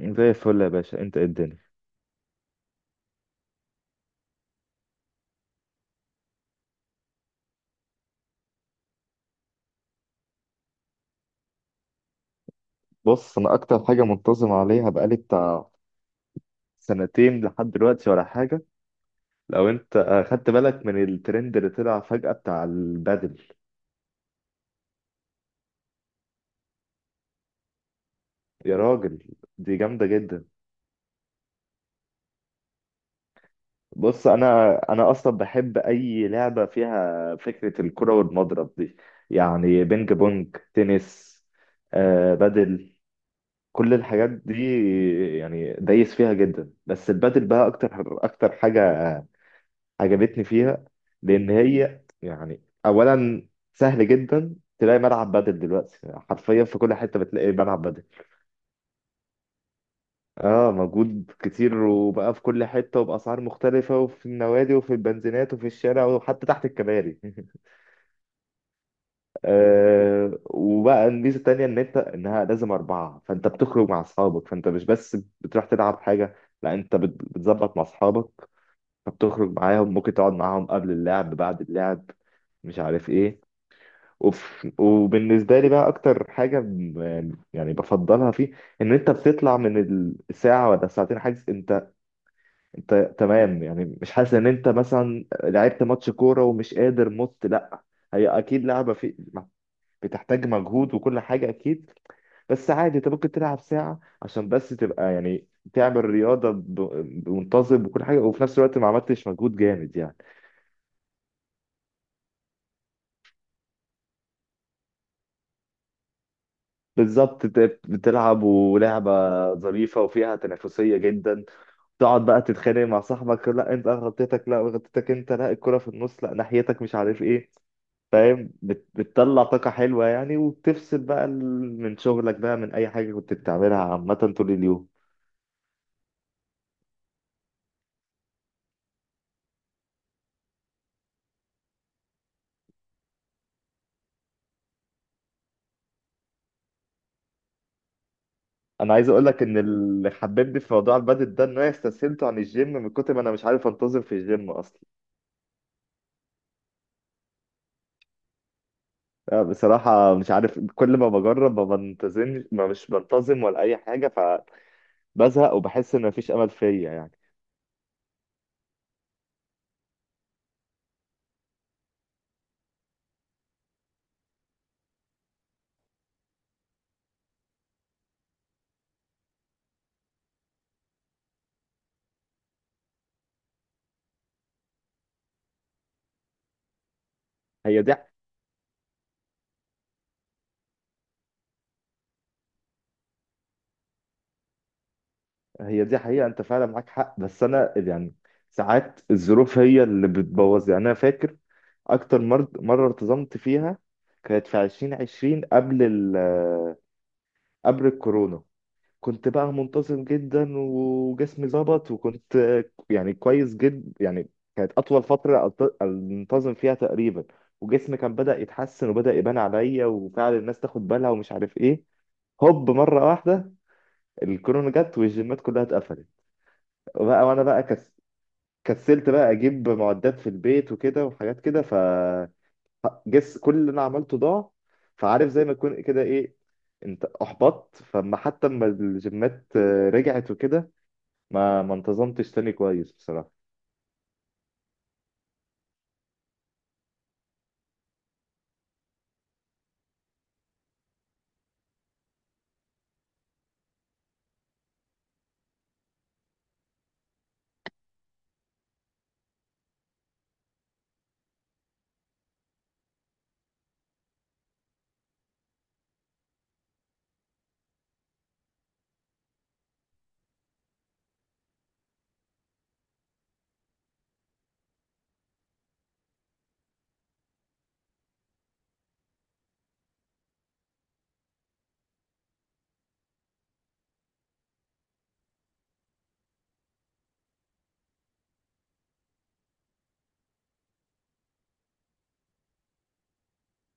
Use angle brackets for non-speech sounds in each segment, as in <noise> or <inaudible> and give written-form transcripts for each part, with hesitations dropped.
زي الفل يا باشا، انت ايه الدنيا؟ بص، انا اكتر حاجه منتظم عليها بقالي بتاع سنتين لحد دلوقتي ولا حاجه. لو انت خدت بالك من الترند اللي طلع فجاه بتاع البادل. يا راجل، دي جامده جدا. بص، انا اصلا بحب اي لعبه فيها فكره الكره والمضرب دي، يعني بينج بونج، تنس، بادل، كل الحاجات دي. يعني دايس فيها جدا بس البادل بقى اكتر. اكتر حاجه عجبتني فيها لان هي يعني اولا سهل جدا تلاقي ملعب بدل دلوقتي. حرفيا في كل حته بتلاقي ملعب بدل. اه، موجود كتير وبقى في كل حته وباسعار مختلفه، وفي النوادي وفي البنزينات وفي الشارع وحتى تحت الكباري. <laughs> وبقى الميزه التانيه ان انت انها لازم اربعه، فانت بتخرج مع اصحابك، فانت مش بس بتروح تلعب حاجه، لا انت بتظبط مع اصحابك، فبتخرج معاهم، ممكن تقعد معاهم قبل اللعب بعد اللعب، مش عارف ايه. اوف. وبالنسبه لي بقى اكتر حاجه يعني بفضلها فيه ان انت بتطلع من الساعه ولا ساعتين حاجز انت تمام، يعني مش حاسس ان انت مثلا لعبت ماتش كوره ومش قادر مت، لا. هي اكيد لعبه في بتحتاج مجهود وكل حاجه اكيد، بس عادي انت ممكن تلعب ساعه عشان بس تبقى يعني تعمل رياضه بمنتظم وكل حاجه، وفي نفس الوقت ما عملتش مجهود جامد يعني. بالظبط، انت بتلعب ولعبه ظريفه وفيها تنافسيه جدا، تقعد بقى تتخانق مع صاحبك، لا انت غلطتك، لا غلطتك انت، لا الكرة في النص، لا ناحيتك، مش عارف ايه. فاهم؟ بتطلع طاقة حلوة يعني، وبتفصل بقى من شغلك بقى، من اي حاجة كنت بتعملها عامة طول اليوم. انا عايز اقول لك ان اللي حببني في موضوع البادل ده ان انا استسهلته عن الجيم من كتر ما انا مش عارف انتظم في الجيم اصلا. لا، بصراحة مش عارف كل ما بجرب ما بنتظمش، ما مش بنتظم ولا اي حاجة، فبزهق وبحس ان مفيش امل فيا يعني. هي دي. هي دي حقيقة، انت فعلا معاك حق بس انا يعني ساعات الظروف هي اللي بتبوظ يعني. انا فاكر اكتر مرة ارتزمت فيها كانت في 2020، قبل قبل الكورونا، كنت بقى منتظم جدا وجسمي ظبط، وكنت يعني كويس جدا يعني. كانت اطول فترة انتظم فيها تقريبا، وجسمي كان بدأ يتحسن وبدأ يبان عليا، وفعلا الناس تاخد بالها ومش عارف ايه. هوب، مرة واحدة الكورونا جت والجيمات كلها اتقفلت. بقى وانا بقى كسلت بقى اجيب معدات في البيت وكده وحاجات كده، فجس كل اللي انا عملته ضاع. فعارف زي ما تكون كده ايه، انت احبطت، فما حتى لما الجيمات رجعت وكده ما انتظمتش تاني كويس بصراحة.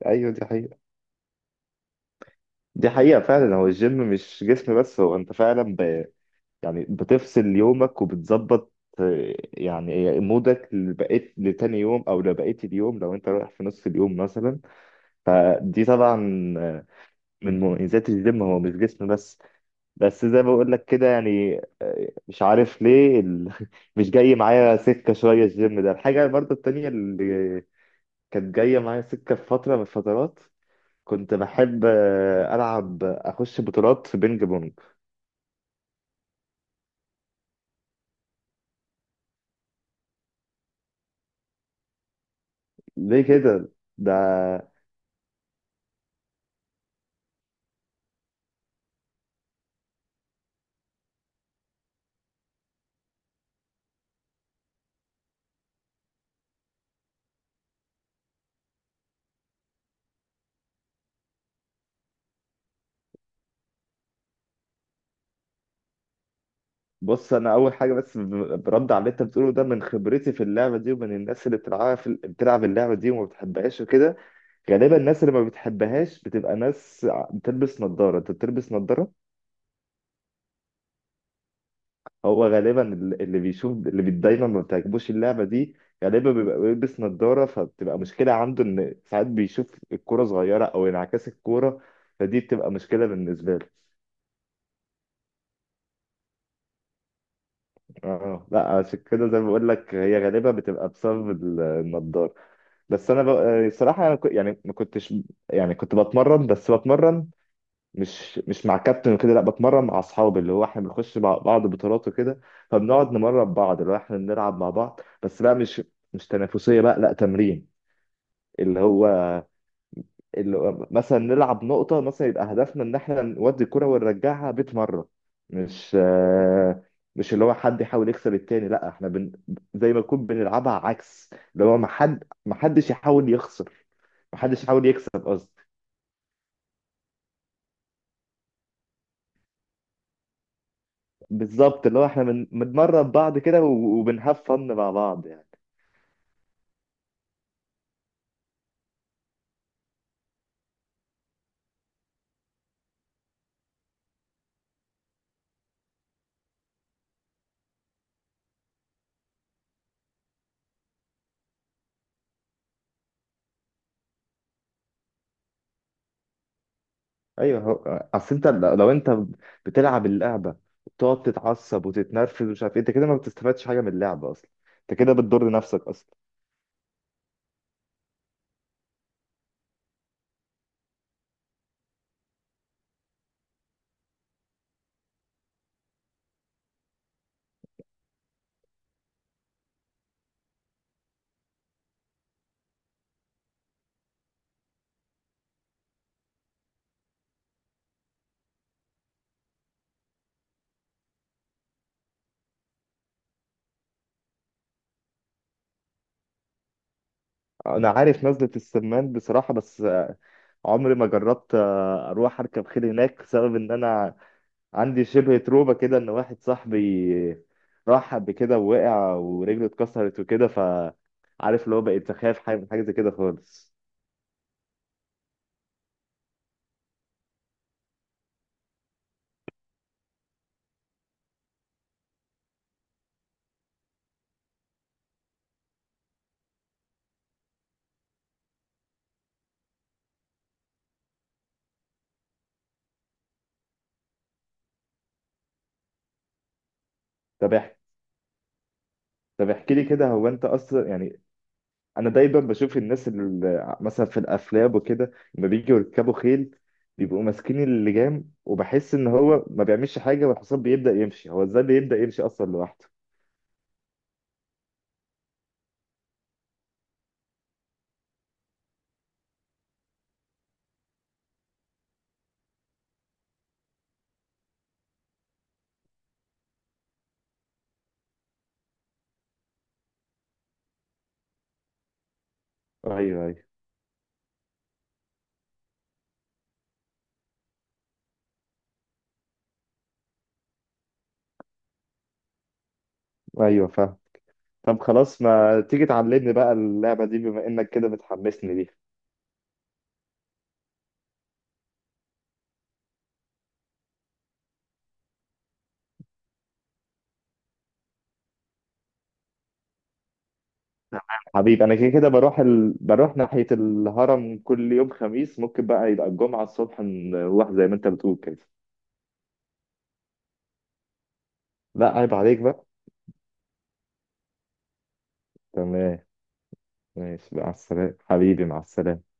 ايوه دي حقيقة. دي حقيقة فعلا، هو الجيم مش جسم بس، هو انت فعلا يعني بتفصل يومك وبتظبط. يعني مودك لبقيت لتاني يوم او لبقيت اليوم لو انت رايح في نص اليوم مثلا. فدي طبعا من مميزات الجيم، هو مش جسم بس. بس زي ما بقول لك كده يعني مش عارف ليه <laughs> مش جاي معايا سكة شوية الجيم ده. الحاجة برضو التانية اللي كانت جاية معايا سكة في فترة من الفترات كنت بحب أخش بطولات في بينج بونج. ليه كده ده؟ بص، أنا أول حاجة بس برد على اللي أنت بتقوله ده من خبرتي في اللعبة دي ومن الناس اللي بتلعبها بتلعب اللعبة دي وما بتحبهاش وكده. غالبا الناس اللي ما بتحبهاش بتبقى ناس بتلبس نظارة. انت بتلبس نظارة. هو غالبا اللي بيشوف، دايما ما بتعجبوش اللعبة دي، غالبا بيبقى بيلبس نظارة، فبتبقى مشكلة عنده ان ساعات بيشوف الكورة صغيرة او انعكاس الكورة، فدي بتبقى مشكلة بالنسبة له. اه لا، عشان كده زي ما بقول لك هي غالبا بتبقى بسبب النضاره. بس انا صراحة انا يعني ما كنتش، يعني كنت بتمرن بس بتمرن، مش مع كابتن وكده، لا بتمرن مع اصحابي، اللي هو احنا بنخش مع بعض بطولات وكده، فبنقعد نمرن بعض. اللي هو احنا بنلعب مع بعض بس بقى مش تنافسيه بقى، لا تمرين. اللي هو اللي هو مثلا نلعب نقطه مثلا، يبقى هدفنا ان احنا نودي الكره ونرجعها 100 مره. مش آه، مش اللي هو حد يحاول يكسب التاني، لا احنا زي ما نكون بنلعبها عكس، اللي هو ما حدش يحاول يخسر. ما حدش يحاول يكسب قصدي. بالظبط اللي هو احنا بنمرن بعض كده و- وبنهاف فن مع بعض يعني. ايوه، هو اصل انت لو انت بتلعب اللعبه وبتقعد تتعصب وتتنرفز ومش عارف ايه، انت كده ما بتستفادش حاجه من اللعبه اصلا، انت كده بتضر نفسك اصلا. انا عارف نزله السمان بصراحه، بس عمري ما جربت اروح اركب خيل هناك بسبب ان انا عندي شبه تروما كده ان واحد صاحبي راح قبل كده ووقع ورجله اتكسرت وكده ف عارف اللي هو بقيت اخاف حاجه من حاجه زي كده خالص. طب احكي طب احكي لي كده، هو انت اصلا يعني، انا دايما بشوف الناس اللي مثلا في الافلام وكده لما بيجوا يركبوا خيل بيبقوا ماسكين اللجام وبحس ان هو ما بيعملش حاجه والحصان بيبدا يمشي. هو ازاي بيبدا يمشي اصلا لوحده؟ ايوه، ايوه. ايوه فاهم. طب خلاص، ما تيجي تعلمني بقى اللعبه دي بما انك كده بتحمسني ليها. تمام. حبيبي انا كده كده بروح بروح ناحيه الهرم كل يوم خميس، ممكن بقى يبقى الجمعه الصبح نروح زي ما انت بتقول كده. لا عيب عليك بقى. تمام. ماشي، مع السلامة حبيبي، مع السلامة.